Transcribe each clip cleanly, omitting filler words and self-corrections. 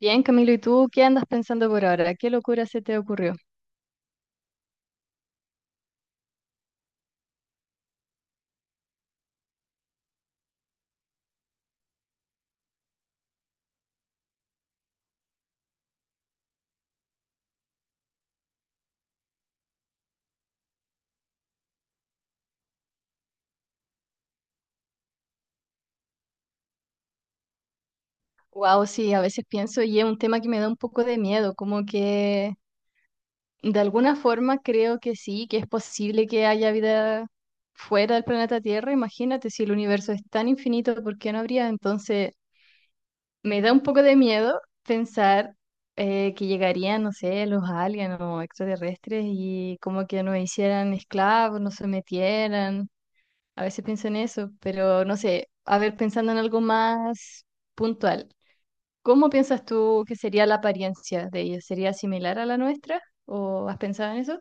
Bien, Camilo, ¿y tú qué andas pensando por ahora? ¿Qué locura se te ocurrió? Wow, sí, a veces pienso y es un tema que me da un poco de miedo, como que de alguna forma creo que sí, que es posible que haya vida fuera del planeta Tierra. Imagínate, si el universo es tan infinito, ¿por qué no habría? Entonces, me da un poco de miedo pensar que llegarían, no sé, los aliens o extraterrestres y como que nos hicieran esclavos, nos sometieran. A veces pienso en eso, pero no sé, a ver, pensando en algo más puntual, ¿cómo piensas tú que sería la apariencia de ellos? ¿Sería similar a la nuestra? ¿O has pensado en eso?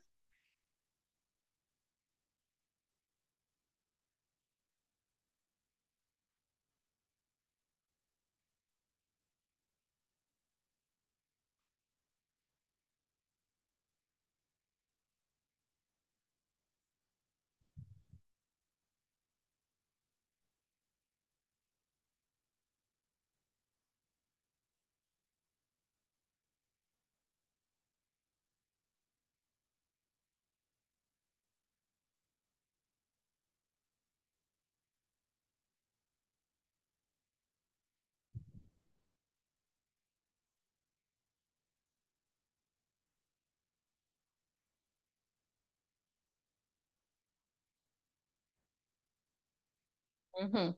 Ujú.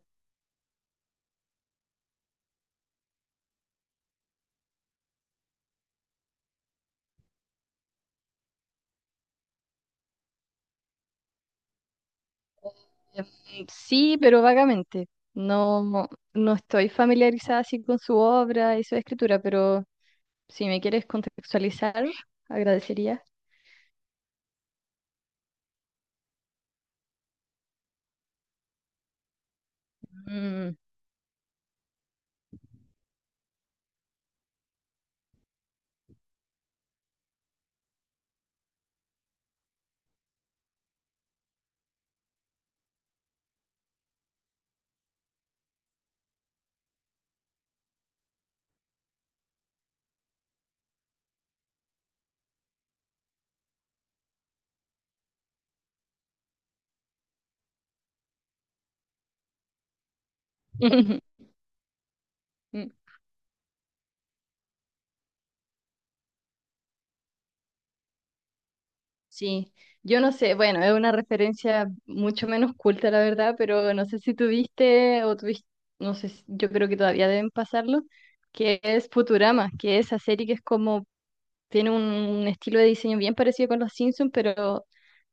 Sí, pero vagamente. No, no, no estoy familiarizada así con su obra y su escritura, pero si me quieres contextualizar, agradecería. Mm. Sí, yo no sé, bueno, es una referencia mucho menos culta, la verdad, pero no sé si tuviste o tuviste, no sé, yo creo que todavía deben pasarlo, que es Futurama, que es esa serie que es como, tiene un estilo de diseño bien parecido con los Simpsons, pero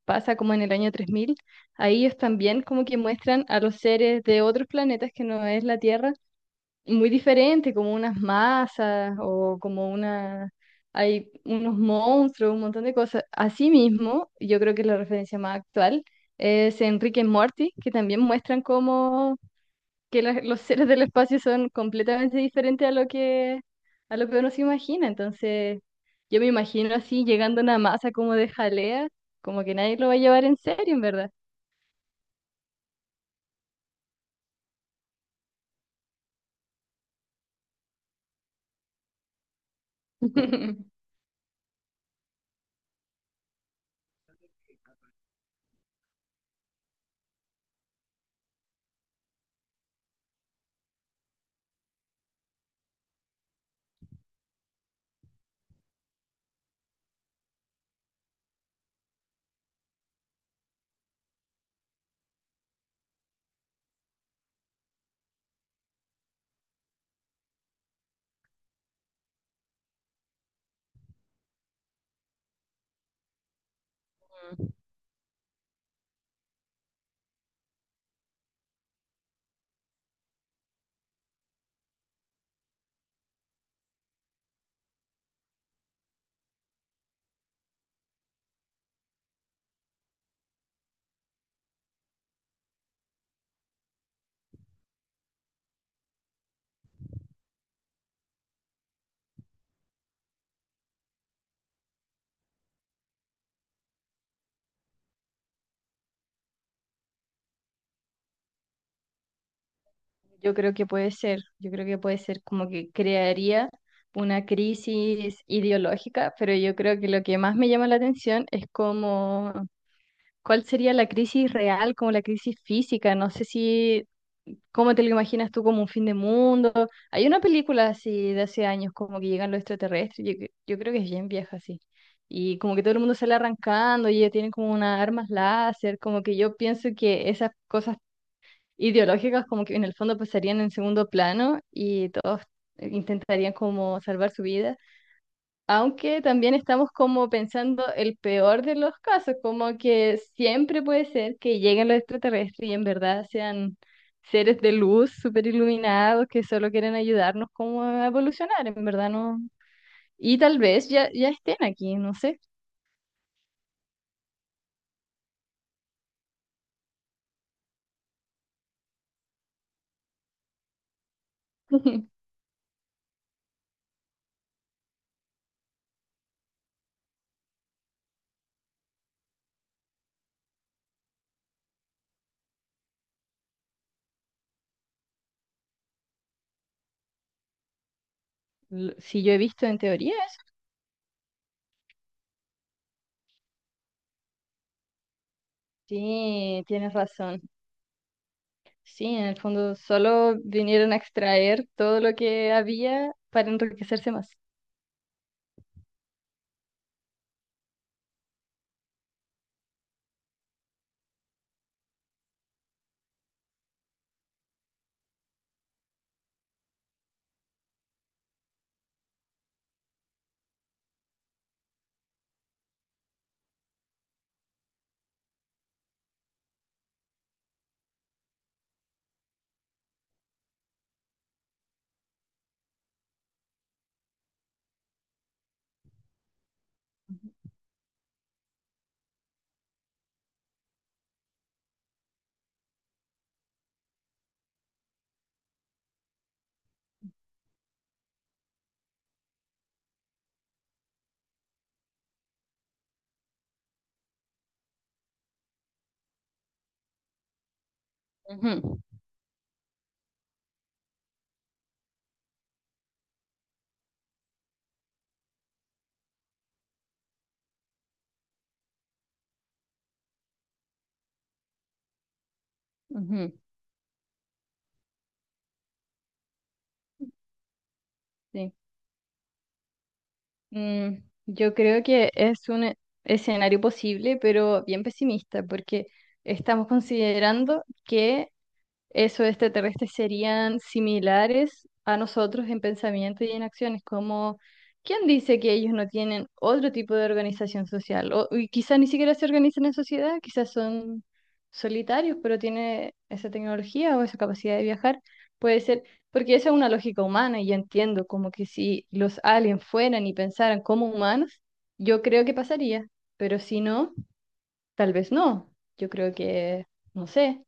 pasa como en el año 3000. Ahí ellos también como que muestran a los seres de otros planetas que no es la Tierra muy diferente, como unas masas o como una... Hay unos monstruos, un montón de cosas. Asimismo, yo creo que la referencia más actual es Enrique y Morty, que también muestran cómo que los seres del espacio son completamente diferentes a lo que uno se imagina. Entonces, yo me imagino así llegando a una masa como de jalea, como que nadie lo va a llevar en serio, en verdad. Yo creo que puede ser, yo creo que puede ser como que crearía una crisis ideológica, pero yo creo que lo que más me llama la atención es como, ¿cuál sería la crisis real, como la crisis física? No sé si, ¿cómo te lo imaginas tú como un fin de mundo? Hay una película así de hace años, como que llegan los extraterrestres, yo creo que es bien vieja así. Y como que todo el mundo sale arrancando y ellos tienen como unas armas láser, como que yo pienso que esas cosas ideológicas como que en el fondo pasarían en segundo plano y todos intentarían como salvar su vida, aunque también estamos como pensando el peor de los casos, como que siempre puede ser que lleguen los extraterrestres y en verdad sean seres de luz súper iluminados que solo quieren ayudarnos como a evolucionar, en verdad no. Y tal vez ya, ya estén aquí, no sé. Si yo he visto en teoría, sí, tienes razón. Sí, en el fondo solo vinieron a extraer todo lo que había para enriquecerse más. Ujú, ujú. Sí. Mm, yo creo que es un escenario posible, pero bien pesimista, porque estamos considerando que esos extraterrestres serían similares a nosotros en pensamiento y en acciones, como ¿quién dice que ellos no tienen otro tipo de organización social? O, y quizás ni siquiera se organizan en sociedad, quizás son solitarios, pero tienen esa tecnología o esa capacidad de viajar. Puede ser, porque esa es una lógica humana y yo entiendo como que si los aliens fueran y pensaran como humanos, yo creo que pasaría, pero si no, tal vez no. Yo creo que, no sé.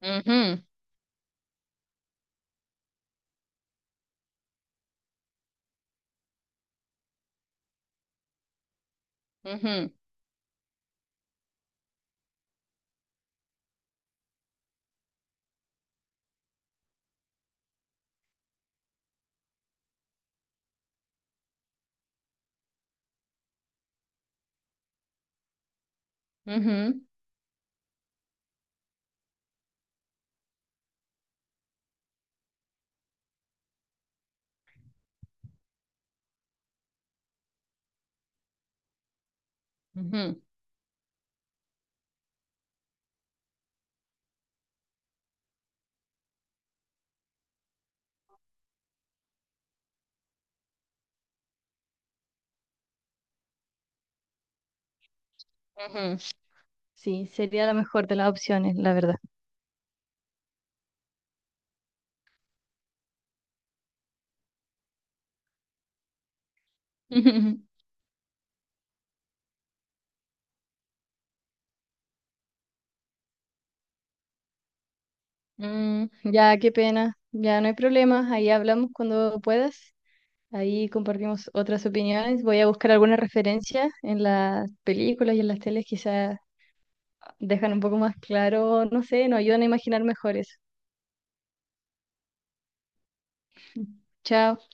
Ujú, ujú. Ujú, ujú, ujú. Sí, sería la mejor de las opciones, la verdad. Mm, ya, qué pena. Ya no hay problema. Ahí hablamos cuando puedas. Ahí compartimos otras opiniones. Voy a buscar alguna referencia en las películas y en las teles. Quizás dejan un poco más claro, no sé, nos ayudan a imaginar mejor eso. Chao.